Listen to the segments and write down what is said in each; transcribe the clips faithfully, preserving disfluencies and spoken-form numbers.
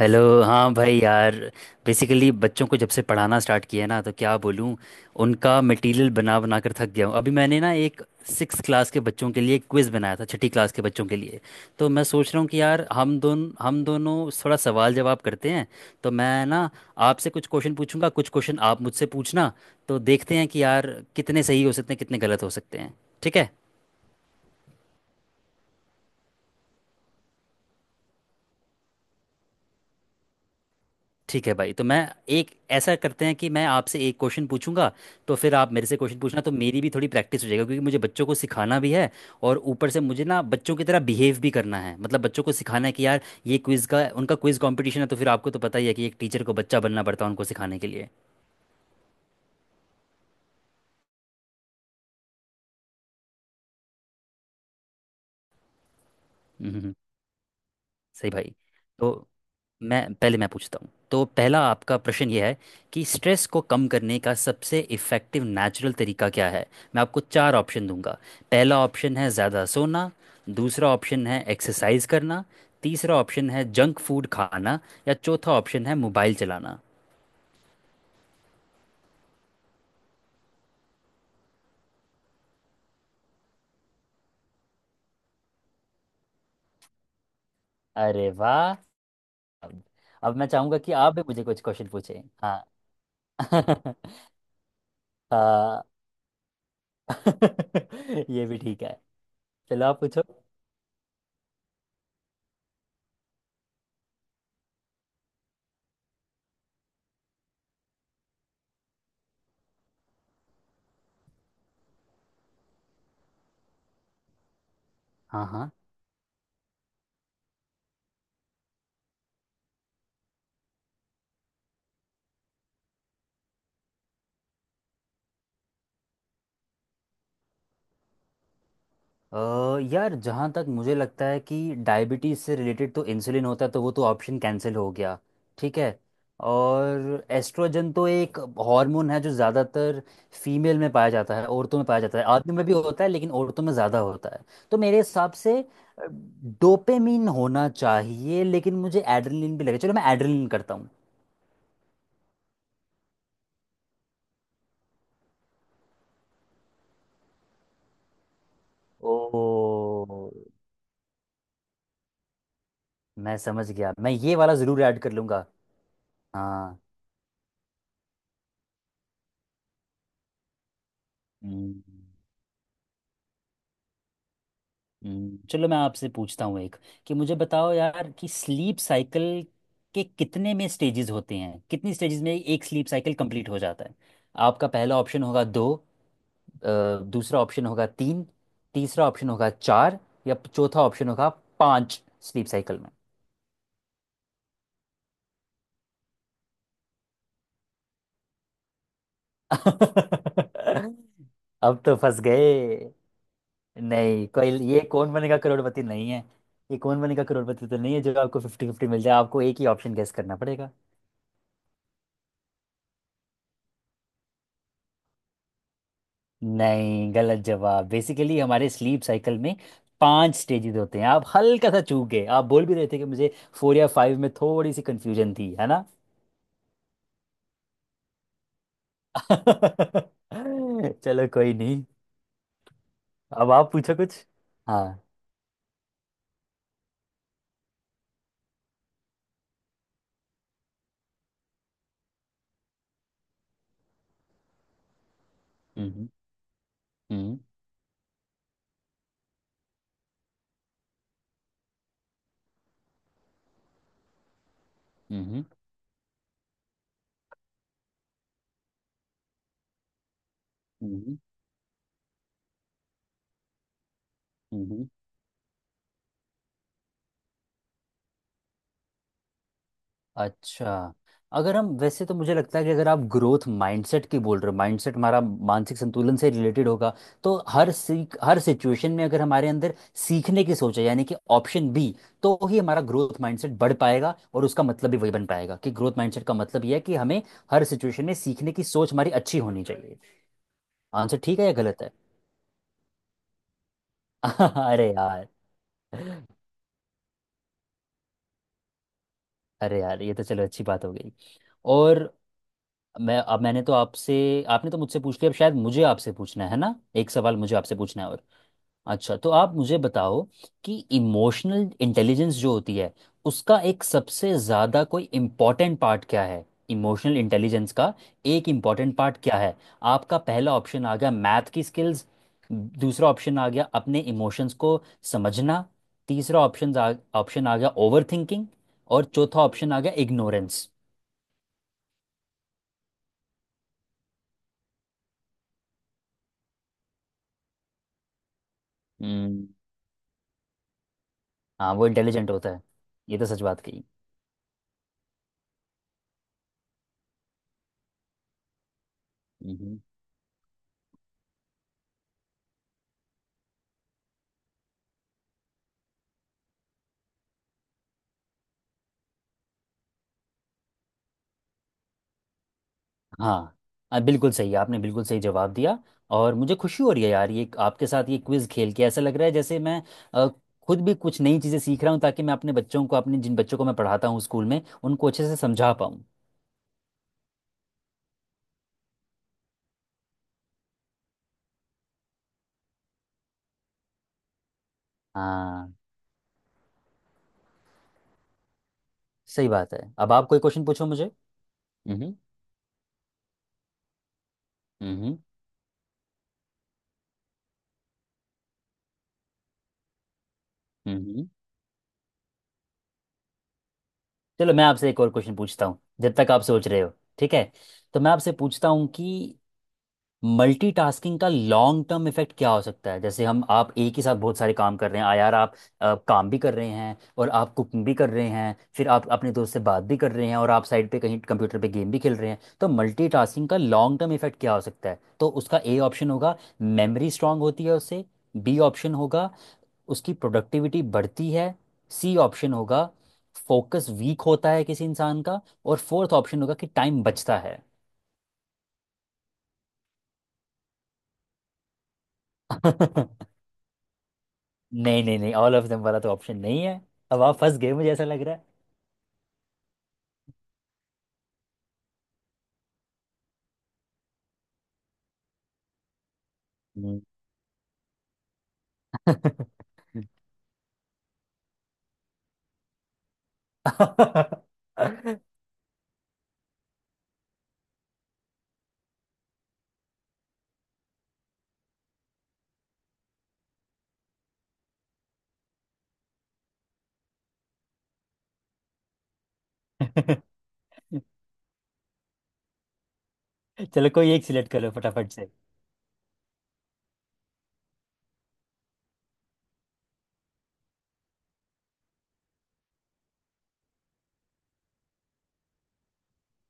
Hello, हाँ भाई यार। बेसिकली बच्चों को जब से पढ़ाना स्टार्ट किया है ना, तो क्या बोलूँ, उनका मटेरियल बना बना कर थक गया हूँ। अभी मैंने ना एक सिक्स क्लास के बच्चों के लिए क्विज़ बनाया था, छठी क्लास के बच्चों के लिए। तो मैं सोच रहा हूँ कि यार हम दोन हम दोनों थोड़ा सवाल जवाब करते हैं। तो मैं ना आपसे कुछ क्वेश्चन पूछूंगा, कुछ क्वेश्चन आप मुझसे पूछना। तो देखते हैं कि यार कितने सही हो सकते हैं, कितने गलत हो सकते हैं। ठीक है? ठीक है भाई। तो मैं एक ऐसा करते हैं कि मैं आपसे एक क्वेश्चन पूछूंगा, तो फिर आप मेरे से क्वेश्चन पूछना, तो मेरी भी थोड़ी प्रैक्टिस हो जाएगा, क्योंकि मुझे बच्चों को सिखाना भी है। और ऊपर से मुझे ना बच्चों की तरह बिहेव भी करना है। मतलब बच्चों को सिखाना है कि यार ये क्विज़ का उनका क्विज़ कंपटीशन है। तो फिर आपको तो पता ही है कि एक टीचर को बच्चा बनना पड़ता है उनको सिखाने के लिए। हम्म, हम्म, हम्म। सही भाई। तो मैं पहले मैं पूछता हूँ। तो पहला आपका प्रश्न यह है कि स्ट्रेस को कम करने का सबसे इफ़ेक्टिव नेचुरल तरीका क्या है। मैं आपको चार ऑप्शन दूंगा। पहला ऑप्शन है ज़्यादा सोना। दूसरा ऑप्शन है एक्सरसाइज करना। तीसरा ऑप्शन है जंक फूड खाना। या चौथा ऑप्शन है मोबाइल चलाना। अरे वाह! अब अब मैं चाहूँगा कि आप भी मुझे कुछ क्वेश्चन पूछें। हाँ। हाँ। ये भी ठीक है। चलो आप पूछो। हाँ हाँ। अ, यार जहाँ तक मुझे लगता है कि डायबिटीज़ से रिलेटेड तो इंसुलिन होता है, तो वो तो ऑप्शन कैंसिल हो गया। ठीक है। और एस्ट्रोजन तो एक हार्मोन है जो ज़्यादातर फीमेल में पाया जाता है, औरतों में पाया जाता है। आदमियों में भी होता है, लेकिन औरतों में ज़्यादा होता है। तो मेरे हिसाब से डोपामिन होना चाहिए, लेकिन मुझे एड्रेनलिन भी लगे। चलो, मैं एड्रेनलिन करता हूँ। ओ! मैं समझ गया, मैं ये वाला ज़रूर ऐड कर लूँगा। हाँ। हम्म। हम्म, चलो मैं आपसे पूछता हूँ एक कि मुझे बताओ यार कि स्लीप साइकिल के कितने में स्टेजेस होते हैं, कितनी स्टेजेस में एक स्लीप साइकिल कंप्लीट हो जाता है। आपका पहला ऑप्शन होगा दो। अ, दूसरा ऑप्शन होगा तीन। तीसरा ऑप्शन होगा चार। या चौथा ऑप्शन होगा पांच स्लीप साइकिल में। अब तो फंस गए। नहीं, कोई ये कौन बनेगा करोड़पति नहीं है। ये कौन बनेगा करोड़पति तो नहीं है जो आपको फिफ्टी फिफ्टी मिल जाए। आपको एक ही ऑप्शन गेस करना पड़ेगा। नहीं, गलत जवाब। बेसिकली हमारे स्लीप साइकिल में पांच स्टेजेस होते हैं। आप हल्का सा चूक गए। आप बोल भी रहे थे कि मुझे फोर या फाइव में थोड़ी सी कंफ्यूजन थी, है ना। चलो, कोई नहीं। अब आप पूछो कुछ। हाँ। हम्म हम्म हम्म हम्म हम्म। अच्छा, अगर हम, वैसे तो मुझे लगता है कि अगर आप ग्रोथ माइंडसेट की बोल रहे हो, माइंडसेट हमारा मानसिक संतुलन से रिलेटेड होगा, तो हर सीख, हर सिचुएशन में अगर हमारे अंदर सीखने की सोच है, यानी कि ऑप्शन बी, तो ही हमारा ग्रोथ माइंडसेट बढ़ पाएगा, और उसका मतलब भी वही बन पाएगा कि ग्रोथ माइंडसेट का मतलब यह है कि हमें हर सिचुएशन में सीखने की सोच हमारी अच्छी होनी चाहिए। आंसर ठीक है या गलत है? अरे यार! अरे यार, ये तो चलो अच्छी बात हो गई। और मैं अब मैंने तो आपसे आपने तो मुझसे पूछ लिया। अब शायद मुझे आपसे पूछना है ना, एक सवाल मुझे आपसे पूछना है। और अच्छा, तो आप मुझे बताओ कि इमोशनल इंटेलिजेंस जो होती है, उसका एक सबसे ज़्यादा कोई इम्पोर्टेंट पार्ट क्या है। इमोशनल इंटेलिजेंस का एक इम्पोर्टेंट पार्ट क्या है? आपका पहला ऑप्शन आ गया मैथ की स्किल्स। दूसरा ऑप्शन आ गया अपने इमोशंस को समझना। तीसरा ऑप्शन आ ऑप्शन आ गया ओवर थिंकिंग। और चौथा ऑप्शन आ गया इग्नोरेंस। हाँ, वो इंटेलिजेंट होता है। ये तो सच बात कही। मम्म। हाँ। आ, बिल्कुल सही, आपने बिल्कुल सही जवाब दिया। और मुझे खुशी हो रही है यार, ये आपके साथ ये क्विज खेल के ऐसा लग रहा है जैसे मैं आ, खुद भी कुछ नई चीज़ें सीख रहा हूँ, ताकि मैं अपने बच्चों को, अपने जिन बच्चों को मैं पढ़ाता हूँ स्कूल में, उनको अच्छे से समझा पाऊँ। हाँ। सही बात है, अब आप कोई क्वेश्चन पूछो मुझे। हम्म हम्म हम्म। चलो मैं आपसे एक और क्वेश्चन पूछता हूँ जब तक आप सोच रहे हो। ठीक है। तो मैं आपसे पूछता हूँ कि मल्टीटास्किंग का लॉन्ग टर्म इफेक्ट क्या हो सकता है। जैसे हम, आप एक ही साथ बहुत सारे काम कर रहे हैं। आ यार, आप अ, काम भी कर रहे हैं और आप कुकिंग भी कर रहे हैं, फिर आप अपने दोस्त से बात भी कर रहे हैं, और आप साइड पे कहीं कंप्यूटर पे गेम भी खेल रहे हैं। तो मल्टीटास्किंग का लॉन्ग टर्म इफेक्ट क्या हो सकता है? तो उसका ए ऑप्शन होगा मेमोरी स्ट्रांग होती है उससे। बी ऑप्शन होगा उसकी प्रोडक्टिविटी बढ़ती है। सी ऑप्शन होगा फोकस वीक होता है किसी इंसान का। और फोर्थ ऑप्शन होगा कि टाइम बचता है। नहीं नहीं नहीं ऑल ऑफ देम वाला तो ऑप्शन नहीं है। अब आप फंस गए, मुझे ऐसा लग रहा है। हम्म। चलो, कोई एक सिलेक्ट करो फटाफट से।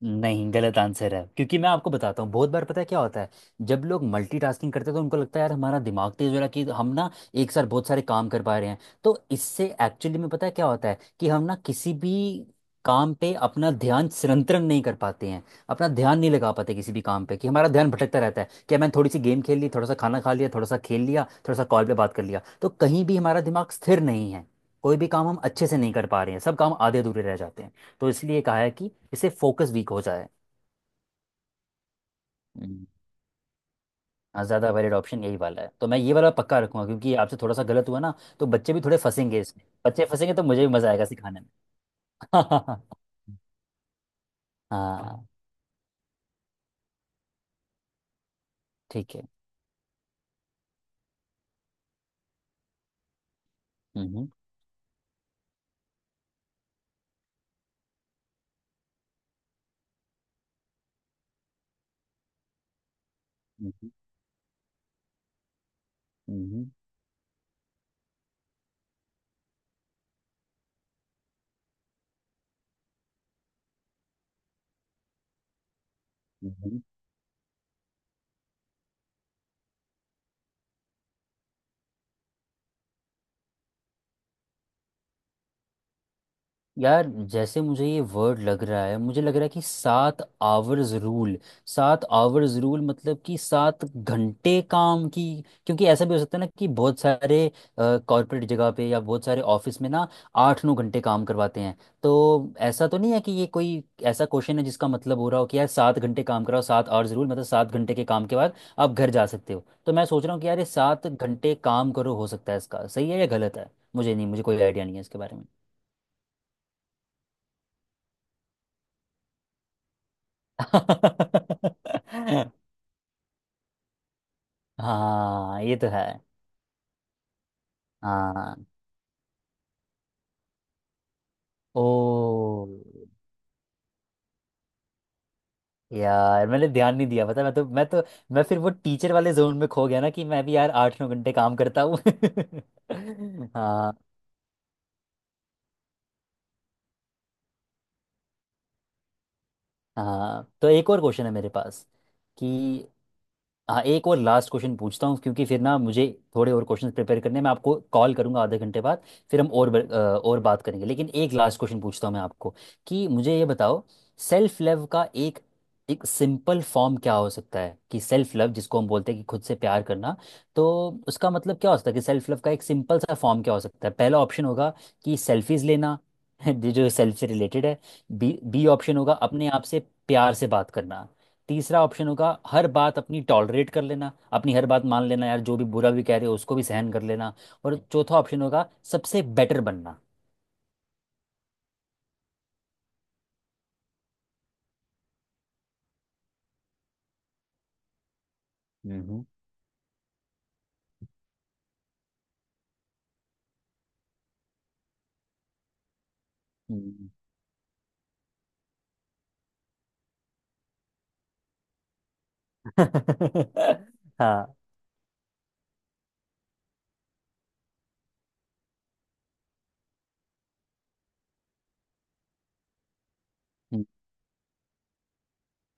नहीं, गलत आंसर है। क्योंकि मैं आपको बताता हूँ, बहुत बार पता है क्या होता है, जब लोग मल्टीटास्किंग करते हैं, तो उनको लगता है यार हमारा दिमाग तेज हो रहा है कि हम ना एक साथ बहुत सारे काम कर पा रहे हैं। तो इससे एक्चुअली में पता है क्या होता है कि हम ना किसी भी काम पे अपना ध्यान संरक्षण नहीं कर पाते हैं। अपना ध्यान नहीं लगा पाते किसी भी काम पे, कि हमारा ध्यान भटकता रहता है, कि मैंने थोड़ी सी गेम खेल ली, थोड़ा सा खाना खा लिया, थोड़ा सा खेल लिया, थोड़ा सा कॉल पे बात कर लिया, तो कहीं भी हमारा दिमाग स्थिर नहीं है। कोई भी काम हम अच्छे से नहीं कर पा रहे हैं, सब काम आधे अधूरे रह जाते हैं। तो इसलिए कहा है कि इससे फोकस वीक हो जाए। हम्म, हाँ, ज़्यादा वैलिड ऑप्शन यही वाला है, तो मैं ये वाला पक्का रखूंगा। क्योंकि आपसे थोड़ा सा गलत हुआ ना, तो बच्चे भी थोड़े फंसेंगे इसमें। बच्चे फंसेंगे तो मुझे भी मज़ा आएगा सिखाने में। हाँ। ठीक है। हम्म हम्म हम्म हम्म, हम्म, यार जैसे मुझे ये वर्ड लग रहा है, मुझे लग रहा है कि सात आवर्स रूल, सात आवर्स रूल मतलब कि सात घंटे काम की। क्योंकि ऐसा भी हो सकता है ना कि बहुत सारे कॉर्पोरेट जगह पे या बहुत सारे ऑफिस में ना आठ नौ घंटे काम करवाते हैं। तो ऐसा तो नहीं है कि ये कोई ऐसा क्वेश्चन है जिसका मतलब हो रहा हो कि यार सात घंटे काम कराओ, सात आवर्स रूल मतलब सात घंटे के काम के बाद आप घर जा सकते हो। तो मैं सोच रहा हूँ कि यार ये सात घंटे काम करो, हो सकता है इसका सही है या गलत है। मुझे नहीं मुझे कोई आइडिया नहीं है इसके बारे में। हाँ, ये तो है। हाँ। ओ! यार मैंने ध्यान नहीं दिया पता, मैं तो मैं तो मैं फिर वो टीचर वाले जोन में खो गया ना, कि मैं भी यार आठ नौ घंटे काम करता हूँ। हाँ। हाँ, तो एक और क्वेश्चन है मेरे पास कि, हाँ, एक और लास्ट क्वेश्चन पूछता हूँ, क्योंकि फिर ना मुझे थोड़े और क्वेश्चन प्रिपेयर करने हैं। मैं आपको कॉल करूँगा आधे घंटे बाद, फिर हम और ब- अ, और बात करेंगे। लेकिन एक लास्ट क्वेश्चन पूछता हूँ मैं आपको कि मुझे ये बताओ सेल्फ लव का एक एक सिंपल फॉर्म क्या हो सकता है। कि सेल्फ लव जिसको हम बोलते हैं कि खुद से प्यार करना, तो उसका मतलब क्या हो सकता है, कि सेल्फ लव का एक सिंपल सा फॉर्म क्या हो सकता है। पहला ऑप्शन होगा कि सेल्फीज लेना जो सेल्फ से रिलेटेड है। बी बी ऑप्शन होगा अपने आप से प्यार से बात करना। तीसरा ऑप्शन होगा हर बात अपनी टॉलरेट कर लेना, अपनी हर बात मान लेना, यार जो भी बुरा भी कह रहे हो उसको भी सहन कर लेना। और चौथा ऑप्शन होगा सबसे बेटर बनना। हम्म हम्म, हम्म, हाँ,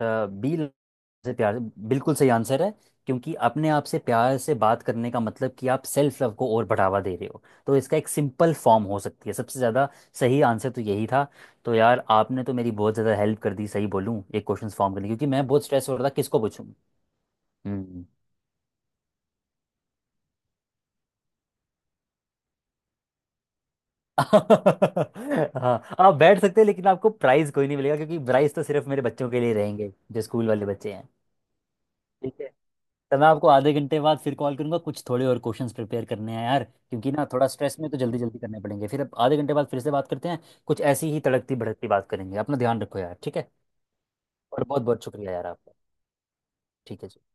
बी से प्यार से- बिल्कुल सही आंसर है। क्योंकि अपने आप से प्यार से बात करने का मतलब कि आप सेल्फ लव को और बढ़ावा दे रहे हो, तो इसका एक सिंपल फॉर्म हो सकती है सबसे ज़्यादा। सही आंसर तो यही था। तो यार आपने तो मेरी बहुत ज़्यादा हेल्प कर दी, सही बोलूँ, एक क्वेश्चन फॉर्म करने, क्योंकि मैं बहुत स्ट्रेस हो रहा था किसको पूछूँ। हम्म। हाँ, आप बैठ सकते हैं, लेकिन आपको प्राइज़ कोई नहीं मिलेगा, क्योंकि प्राइज़ तो सिर्फ मेरे बच्चों के लिए रहेंगे, जो स्कूल वाले बच्चे हैं। ठीक है। तो मैं आपको आधे घंटे बाद फिर कॉल करूंगा, कुछ थोड़े और क्वेश्चंस प्रिपेयर करने हैं यार, क्योंकि ना थोड़ा स्ट्रेस में तो जल्दी जल्दी करने पड़ेंगे। फिर अब आधे घंटे बाद फिर से बात करते हैं। कुछ ऐसी ही तड़कती भड़कती बात करेंगे। अपना ध्यान रखो यार। ठीक है? और बहुत बहुत शुक्रिया यार आपका। ठीक है जी।